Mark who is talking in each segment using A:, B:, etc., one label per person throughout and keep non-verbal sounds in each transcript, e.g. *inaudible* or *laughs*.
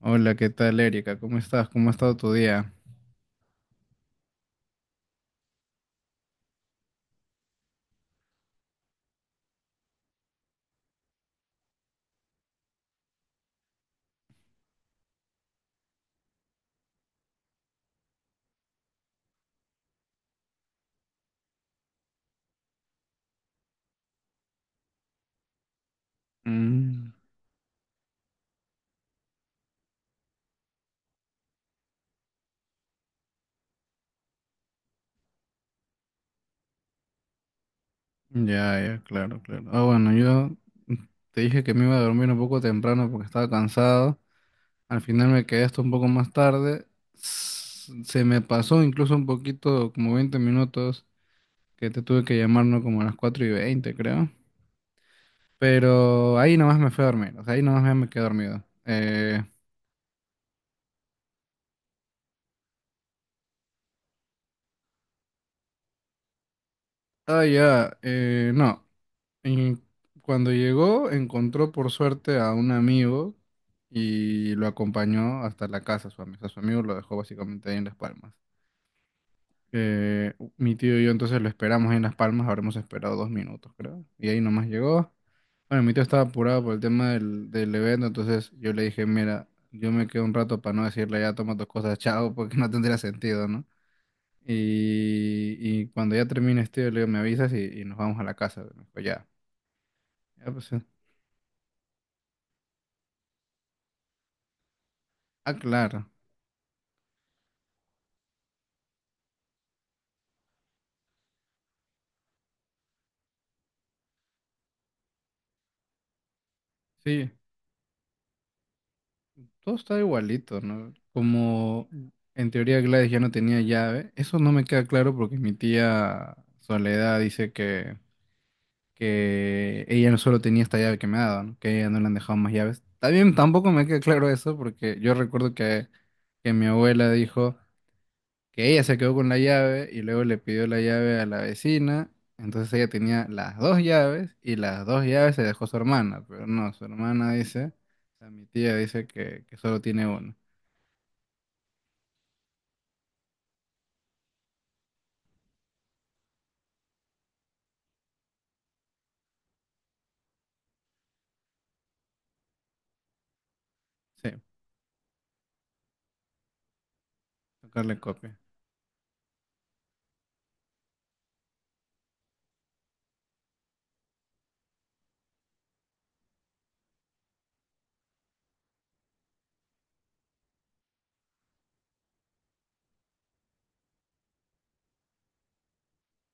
A: Hola, ¿qué tal, Erika? ¿Cómo estás? ¿Cómo ha estado tu día? Mm, ya, ya, claro, claro. Ah, bueno, yo te dije que me iba a dormir un poco temprano porque estaba cansado. Al final me quedé hasta un poco más tarde. Se me pasó incluso un poquito, como 20 minutos, que te tuve que llamar, ¿no? Como a las 4:20, creo. Pero ahí nomás me fui a dormir, o sea, ahí nomás me quedé dormido. Ah, ya, no. Y cuando llegó, encontró por suerte a un amigo y lo acompañó hasta la casa, su amigo. Su amigo lo dejó básicamente ahí en Las Palmas. Mi tío y yo entonces lo esperamos ahí en Las Palmas, habremos esperado 2 minutos, creo. Y ahí nomás llegó. Bueno, mi tío estaba apurado por el tema del evento, entonces yo le dije, mira, yo me quedo un rato para no decirle ya toma tus cosas, chao, *laughs* porque no tendría sentido, ¿no? Y cuando ya termines, tío, le digo, me avisas y nos vamos a la casa. Me dijo, ya. Ya, pues. Ah, claro. Sí, todo está igualito, ¿no? Como en teoría Gladys ya no tenía llave, eso no me queda claro porque mi tía Soledad dice que ella no solo tenía esta llave que me ha dado, ¿no? Que a ella no le han dejado más llaves. También tampoco me queda claro eso porque yo recuerdo que mi abuela dijo que ella se quedó con la llave y luego le pidió la llave a la vecina. Entonces ella tenía las dos llaves y las dos llaves se dejó su hermana, pero no, su hermana dice, o sea, mi tía dice que solo tiene una. Sí, sacarle copia.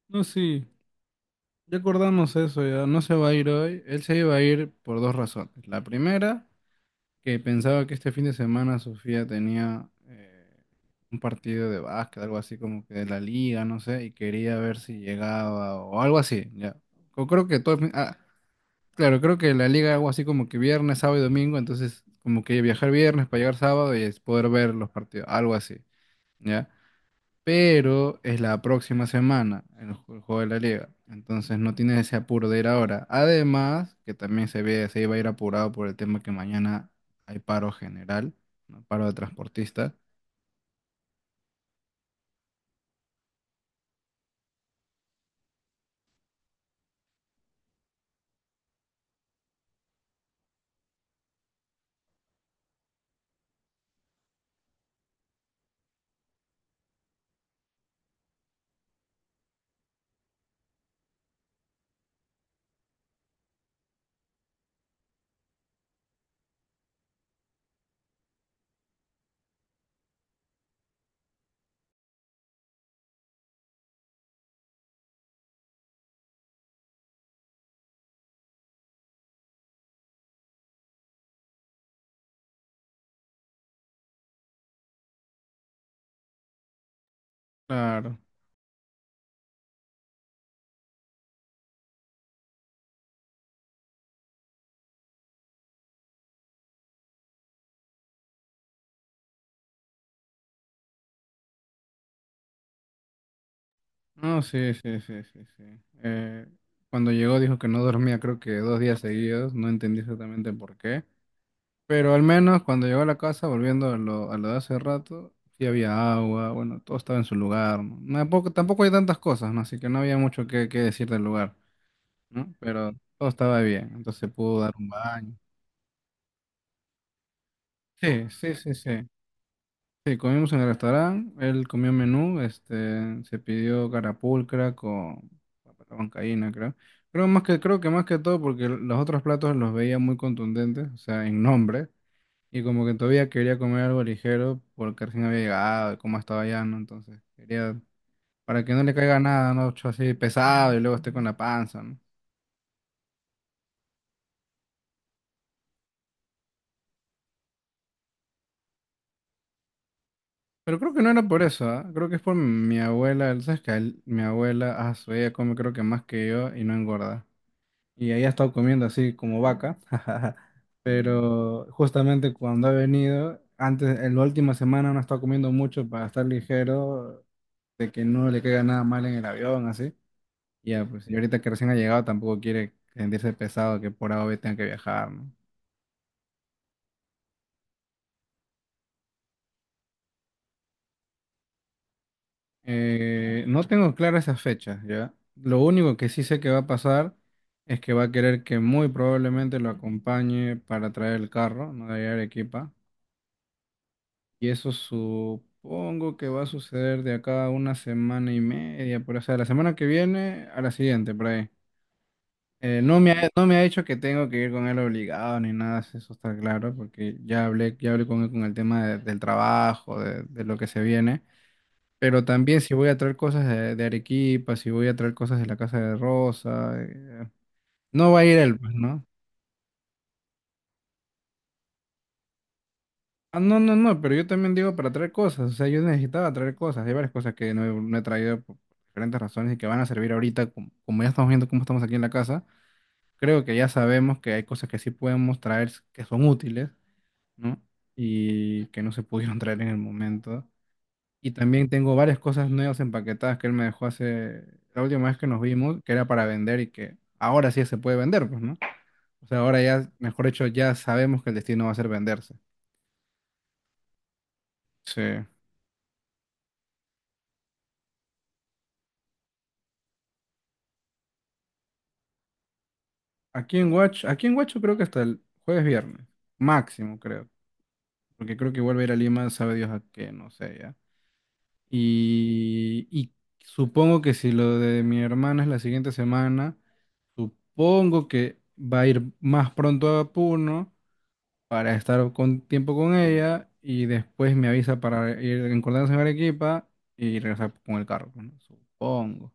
A: No, sí, ya acordamos eso, ya no se va a ir hoy. Él se iba a ir por dos razones. La primera que pensaba que este fin de semana Sofía tenía un partido de básquet, algo así como que de la liga, no sé, y quería ver si llegaba o algo así, ya. Creo que todo, ah, claro, creo que la liga algo así como que viernes, sábado y domingo, entonces como que viajar viernes para llegar sábado y es poder ver los partidos, algo así, ya pero es la próxima semana el juego de la liga. Entonces no tienes ese apuro de ir ahora. Además, que también se ve, se iba a ir apurado por el tema que mañana hay paro general, ¿no? Paro de transportistas. Claro. No, sí, sí, sí, sí, sí. Eh, cuando llegó dijo que no dormía, creo que 2 días seguidos. No entendí exactamente por qué. Pero al menos cuando llegó a la casa, volviendo a lo de hace rato, sí había agua, bueno, todo estaba en su lugar, ¿no? No, tampoco, tampoco hay tantas cosas, ¿no? Así que no había mucho que decir del lugar, ¿no? Pero todo estaba bien, entonces se pudo dar un baño. Sí, sí, sí, sí. Sí, comimos en el restaurante, él comió menú, se pidió carapulcra con bancaína, creo. Creo que más que todo porque los otros platos los veía muy contundentes, o sea, en nombre. Y como que todavía quería comer algo ligero porque recién había llegado y como estaba ya, ¿no? Entonces, quería, para que no le caiga nada, ¿no? Así pesado y luego esté con la panza, ¿no? Pero creo que no era por eso, ¿ah? Creo que es por mi abuela, ¿sabes qué? Mi abuela, ella come creo que más que yo y no engorda. Y ella ha estado comiendo así como vaca, *laughs* pero justamente cuando ha venido, antes, en la última semana no ha estado comiendo mucho para estar ligero, de que no le caiga nada mal en el avión, así. Ya, pues, y ahorita que recién ha llegado tampoco quiere sentirse pesado que por A o B tenga que viajar, ¿no? No tengo claras esas fechas, ¿ya? Lo único que sí sé que va a pasar es que va a querer que muy probablemente lo acompañe para traer el carro, ¿no? De allá a Arequipa. Y eso supongo que va a suceder de acá a una semana y media, por ahí. O sea, la semana que viene a la siguiente, por ahí. No me ha dicho que tengo que ir con él obligado ni nada, si eso está claro, porque ya hablé con él con el tema del trabajo, de lo que se viene. Pero también si voy a traer cosas de Arequipa, si voy a traer cosas de la casa de Rosa, no va a ir él, pues, ¿no? Ah, no, no, no, pero yo también digo para traer cosas, o sea, yo necesitaba traer cosas, hay varias cosas que no he traído por diferentes razones y que van a servir ahorita, como ya estamos viendo cómo estamos aquí en la casa, creo que ya sabemos que hay cosas que sí podemos traer que son útiles, ¿no? Y que no se pudieron *laughs* traer en el momento. Y también tengo varias cosas nuevas empaquetadas que él me dejó hace la última vez que nos vimos, que era para vender y que ahora sí se puede vender, pues, ¿no? O sea, ahora ya, mejor dicho, ya sabemos que el destino va a ser venderse. Sí. Aquí en Huacho creo que hasta el jueves viernes, máximo creo, porque creo que vuelve a ir a Lima, sabe Dios a qué, no sé ya. Y supongo que si lo de mi hermana es la siguiente semana, supongo que va a ir más pronto a Puno para estar con tiempo con ella y después me avisa para ir en Cordanza en Arequipa y regresar con el carro, pues, ¿no? Supongo.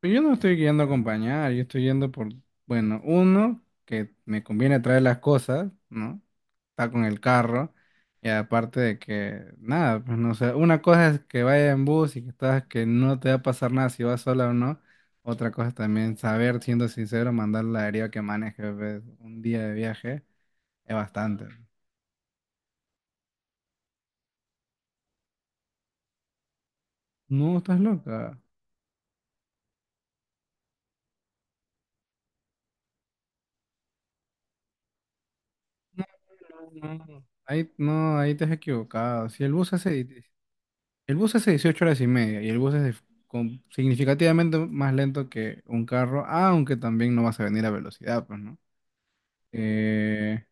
A: Pero yo no estoy yendo a acompañar, yo estoy yendo por, bueno, uno, que me conviene traer las cosas, ¿no? Está con el carro, y aparte de que, nada, pues no sé, una cosa es que vaya en bus y que estás, que no te va a pasar nada si vas sola o no. Otra cosa es también saber, siendo sincero, mandar la deriva que maneje, pues, un día de viaje es bastante. No, estás loca. No, no, no. Ahí, no, ahí te has equivocado. Si el bus hace El bus hace 18 horas y media y el bus es significativamente más lento que un carro, aunque también no vas a venir a velocidad, pues, ¿no? Eh,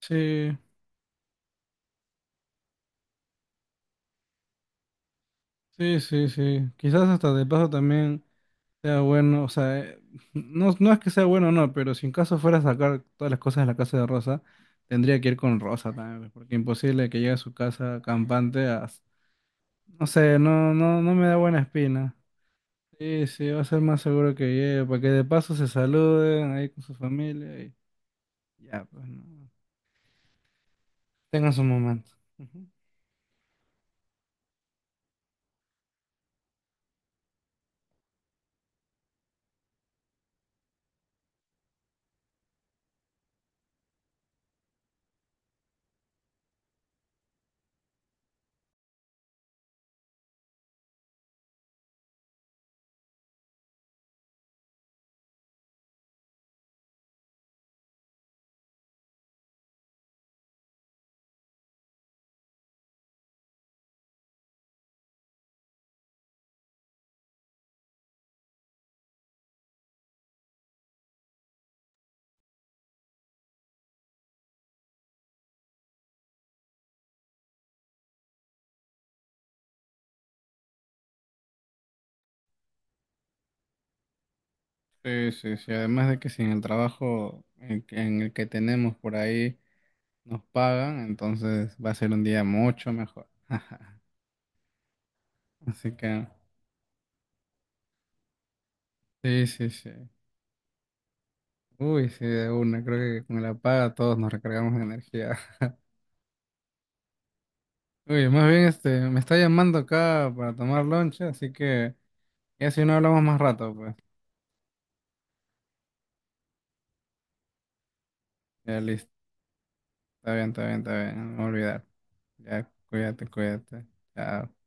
A: sí, sí, sí, sí. Quizás hasta de paso también sea bueno, o sea, no, no es que sea bueno o no, pero si en caso fuera a sacar todas las cosas de la casa de Rosa, tendría que ir con Rosa también, pues, porque imposible que llegue a su casa campante a. No sé, no, no, no me da buena espina. Sí, sí, va a ser más seguro que llegue, para que de paso se saluden ahí con su familia y ya, pues no. Tengan su momento. Ujú. Sí, sí, sí, además de que si en el trabajo en el que tenemos por ahí nos pagan, entonces va a ser un día mucho mejor. *laughs* Así que, sí, sí, sí. Uy, sí, de una, creo que con la paga todos nos recargamos de energía. *laughs* Uy, más bien, me está llamando acá para tomar lonche, así que ya si no hablamos más rato, pues. Ya listo. Está bien, está bien, está bien. No me voy a olvidar. Ya, cuídate, cuídate. Chao.